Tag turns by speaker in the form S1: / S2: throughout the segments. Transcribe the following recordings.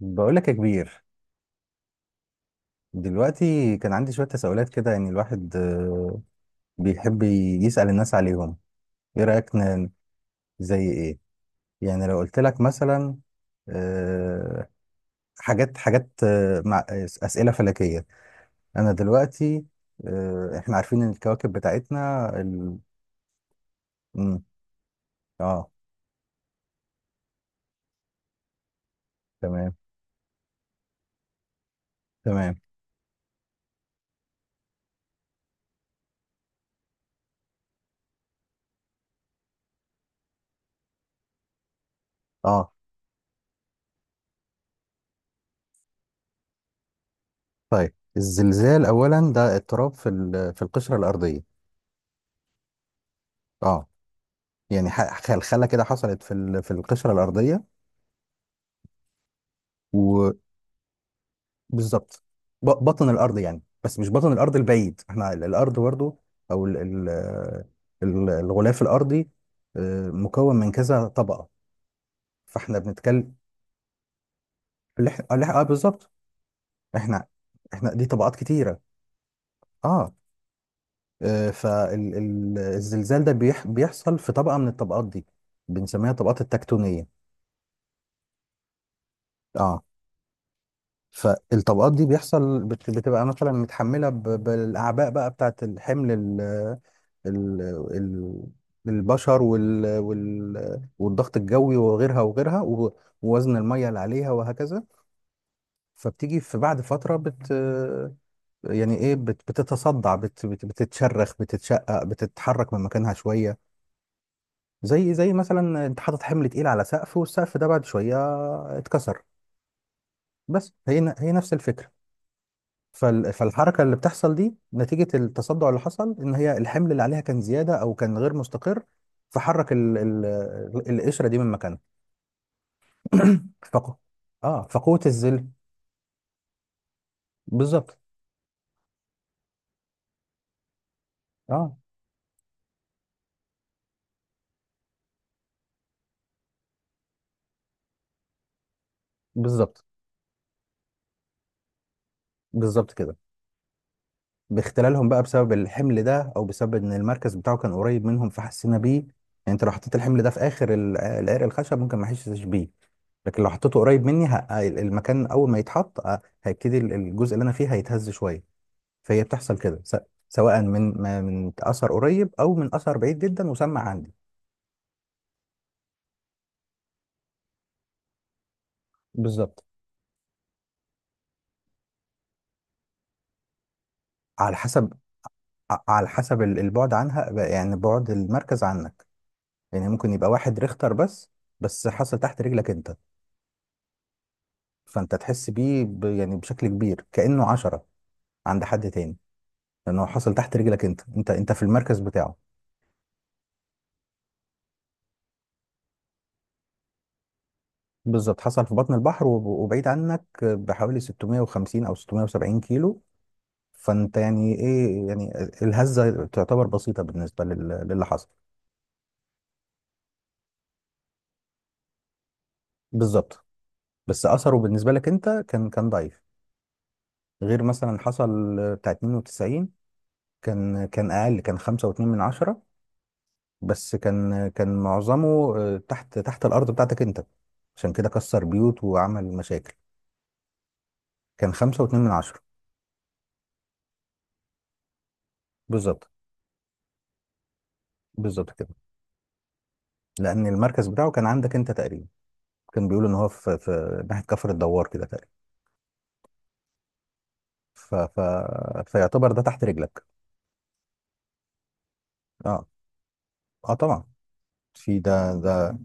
S1: بقولك يا كبير. دلوقتي كان عندي شوية تساؤلات كده، يعني الواحد بيحب يسأل الناس عليهم. ايه رأيك زي ايه؟ يعني لو قلت لك مثلا آه، حاجات مع أسئلة فلكية. انا دلوقتي احنا عارفين ان الكواكب بتاعتنا مم، اه، تمام، تمام، اه. طيب، الزلزال اولا ده اضطراب في في القشرة الأرضية. اه، يعني خلخلة كده حصلت في في القشرة الأرضية. بالظبط، بطن الارض. يعني بس مش بطن الارض البعيد، احنا الارض برضو، او الغلاف الارضي مكون من كذا طبقه، فاحنا بنتكلم. اه، بالظبط. احنا دي طبقات كتيره. اه، فالزلزال ده بيحصل في طبقه من الطبقات دي، بنسميها طبقات التكتونيه. اه، فالطبقات دي بيحصل بتبقى مثلا متحملة بالأعباء بقى، بتاعت الحمل ال ال ال البشر والضغط الجوي وغيرها وغيرها ووزن المية اللي عليها وهكذا. فبتيجي في بعد فترة بت يعني ايه بت بتتصدع، بتتشرخ، بتتشقق، بتتحرك من مكانها شوية. زي مثلا انت حاطط حمل تقيل على سقف، والسقف ده بعد شوية اتكسر. بس هي نفس الفكرة. فالحركة اللي بتحصل دي نتيجة التصدع اللي حصل، إن هي الحمل اللي عليها كان زيادة أو كان غير مستقر. فحرك ال ال القشرة دي من مكانها. فقو اه فقوة الزل. بالظبط. اه، بالظبط. بالظبط كده. باختلالهم بقى بسبب الحمل ده، أو بسبب إن المركز بتاعه كان قريب منهم، فحسينا بيه يعني. أنت لو حطيت الحمل ده في آخر العرق الخشب، ممكن ما أحسش بيه. لكن لو حطيته قريب مني المكان، أول ما يتحط هيبتدي الجزء اللي أنا فيه هيتهز شوية. فهي بتحصل كده، سواء من من اثر قريب او من اثر بعيد جدا، وسمع عندي. بالظبط. على حسب. البعد عنها بقى، يعني بعد المركز عنك. يعني ممكن يبقى واحد ريختر بس، بس حصل تحت رجلك انت، فانت تحس بيه يعني بشكل كبير كأنه عشرة عند حد تاني، لانه حصل تحت رجلك انت. في المركز بتاعه. بالظبط حصل في بطن البحر، وبعيد عنك بحوالي 650 او 670 كيلو. فانت يعني ايه يعني الهزه تعتبر بسيطه بالنسبه للي حصل. بالظبط، بس اثره بالنسبه لك انت كان ضعيف. غير مثلا حصل بتاع 92، كان اقل، كان 5.2 من 10، بس كان معظمه تحت الارض بتاعتك انت، عشان كده كسر بيوت وعمل مشاكل. كان 5.2 من 10. بالظبط. بالظبط كده. لان المركز بتاعه كان عندك انت تقريبا. كان بيقول ان هو في ناحيه كفر الدوار كده تقريبا. ف... ف... فيعتبر ده تحت رجلك. اه، اه، طبعا. في ده. ده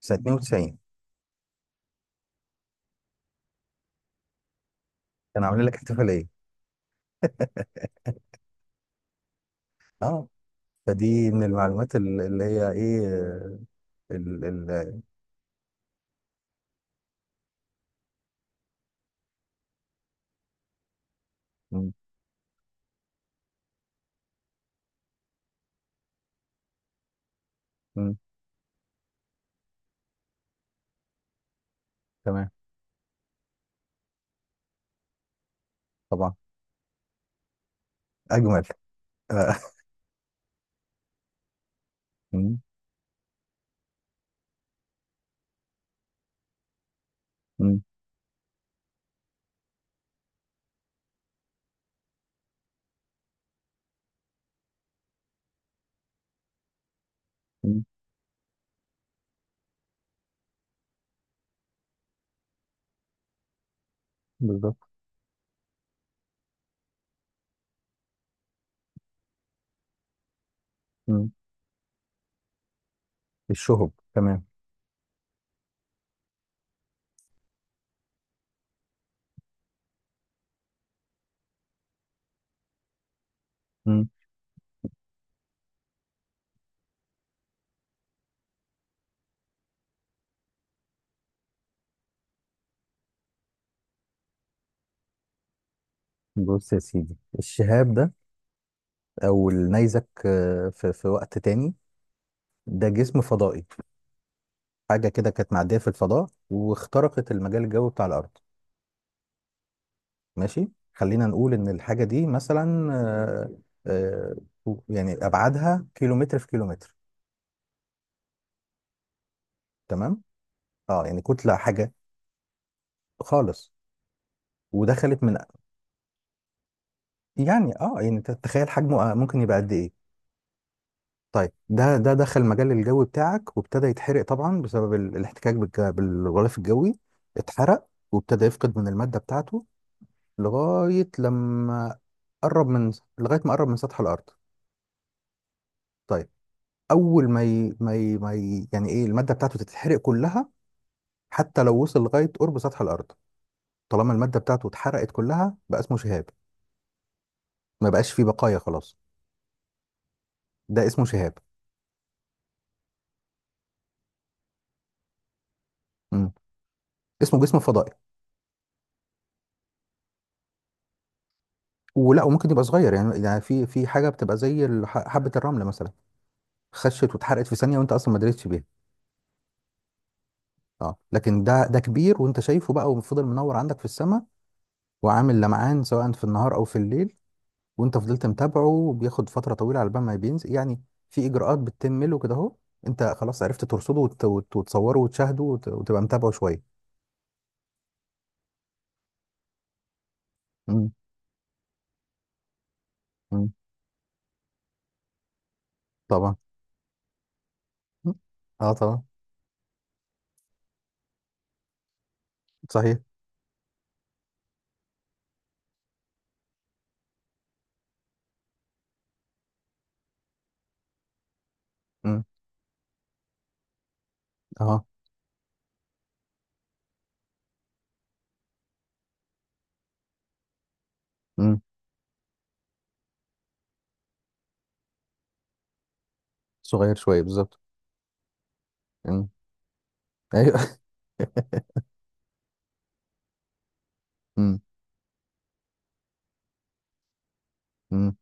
S1: سنة 92. كان عامل لك احتفالية. اه، فدي من المعلومات اللي هي ايه ال ال مم، مم، تمام، طبعا، اجمل، آه، مم، مم، مم، بالظبط. مم. الشهب، تمام. مم. بص يا سيدي، الشهاب ده او النيزك في في وقت تاني، ده جسم فضائي، حاجة كده كانت معدية في الفضاء واخترقت المجال الجوي بتاع الارض. ماشي، خلينا نقول ان الحاجه دي مثلا آه، يعني ابعادها كيلومتر في كيلومتر. تمام. اه، يعني كتله حاجه. خالص. ودخلت من. يعني اه يعني انت تتخيل حجمه ممكن يبقى قد ايه. طيب ده دخل مجال الجو بتاعك، وابتدى يتحرق طبعا بسبب الاحتكاك بالغلاف الجوي، اتحرق، وابتدى يفقد من الماده بتاعته لغايه لما قرب من، لغايه ما قرب من سطح الارض. طيب، اول ما ي... ما ي... ما ي... يعني ايه، الماده بتاعته تتحرق كلها، حتى لو وصل لغايه قرب سطح الارض. طالما الماده بتاعته اتحرقت كلها، بقى اسمه شهاب. ما بقاش فيه بقايا خلاص. ده اسمه شهاب. امم. اسمه جسم فضائي. ولا، وممكن يبقى صغير، يعني في حاجه بتبقى زي حبه الرمله مثلا، خشت واتحرقت في ثانيه وانت اصلا ما دريتش بيها. اه، لكن ده كبير وانت شايفه بقى، وفضل منور عندك في السماء، وعامل لمعان سواء في النهار او في الليل، وانت فضلت متابعه، بياخد فترة طويلة على بال ما بينزل يعني. في اجراءات بتتم له كده اهو، انت خلاص عرفت ترصده وتصوره وتشاهده وتبقى متابعه شوية. مم. مم. طبعا. مم. اه، طبعا. صحيح. مم. اه. مم. صغير شوية بالظبط. مم. ايوه. مم. مم.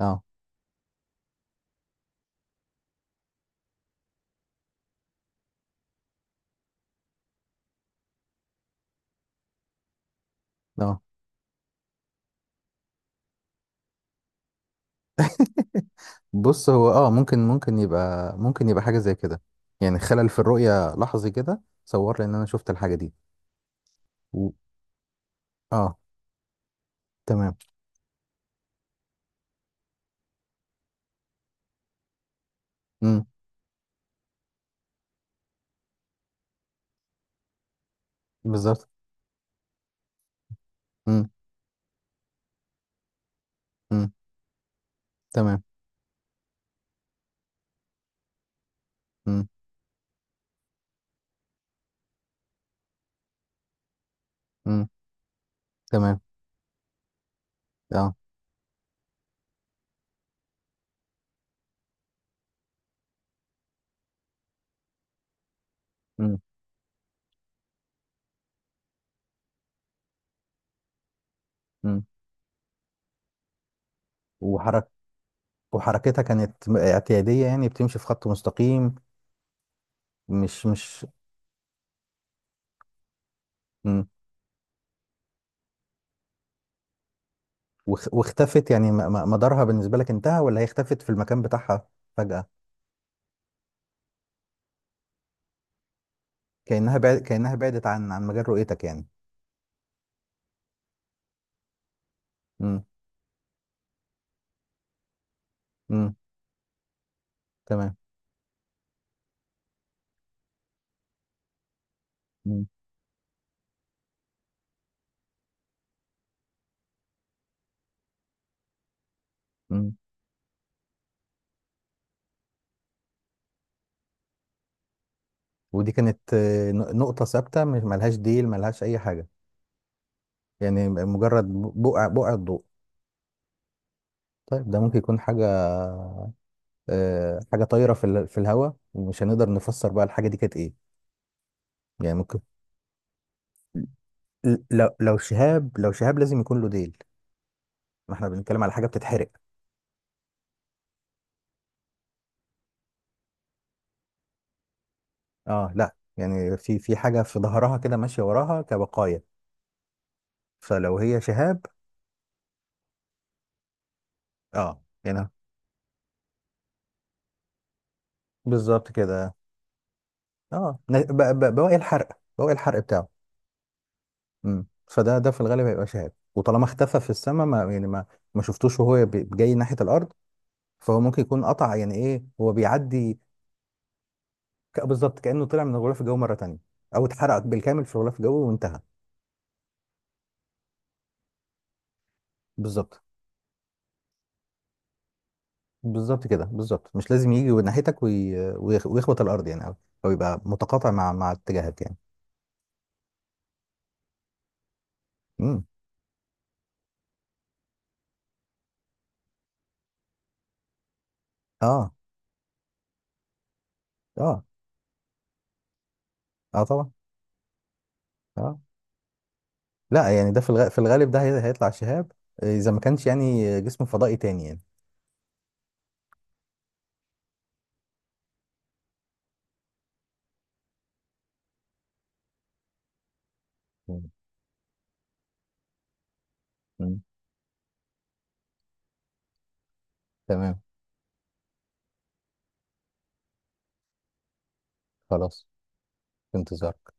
S1: اه، اه. بص، هو اه ممكن. يبقى حاجة زي كده، يعني خلل في الرؤية لحظي كده صور لي ان انا شفت الحاجة دي. و... اه، تمام. مم. بالظبط. مم. مم. تمام. مم. مم. تمام. اه. مم. مم. وحرك وحركتها كانت اعتيادية، يعني بتمشي في خط مستقيم. مش مش مم. واختفت، يعني مدارها بالنسبة لك انتهى، ولا هي اختفت في المكان بتاعها فجأة؟ كأنها بعدت عن مجال رؤيتك يعني. مم. مم. تمام. مم. مم. ودي كانت نقطة ثابتة، مش ملهاش ديل، ملهاش أي حاجة. يعني مجرد بقع الضوء. طيب، ده ممكن يكون حاجة حاجه طايره في في الهواء، ومش هنقدر نفسر بقى الحاجه دي كانت ايه. يعني ممكن. لو شهاب، لازم يكون له ديل، ما احنا بنتكلم على حاجه بتتحرق. اه، لا يعني في حاجه في ظهرها كده ماشيه وراها كبقايا. فلو هي شهاب. اه، هنا. بالظبط كده. اه، بواقي الحرق. بواقي الحرق بتاعه. امم، فده في الغالب هيبقى شهاب، وطالما اختفى في السماء ما يعني ما شفتوش وهو جاي ناحيه الارض، فهو ممكن يكون قطع، يعني ايه، هو بيعدي. بالظبط، كأنه طلع من الغلاف الجوي مرة تانية، او اتحرق بالكامل في الغلاف الجوي وانتهى. بالظبط، بالظبط كده، بالظبط. مش لازم يجي ناحيتك ويخبط الارض يعني، او او يبقى متقاطع مع اتجاهك يعني. امم. اه، اه، اه، طبعا. اه، لا يعني ده في الغالب ده هيطلع شهاب، اذا ما كانش يعني جسم فضائي تاني يعني. مم. مم. تمام. خلاص، في انتظارك.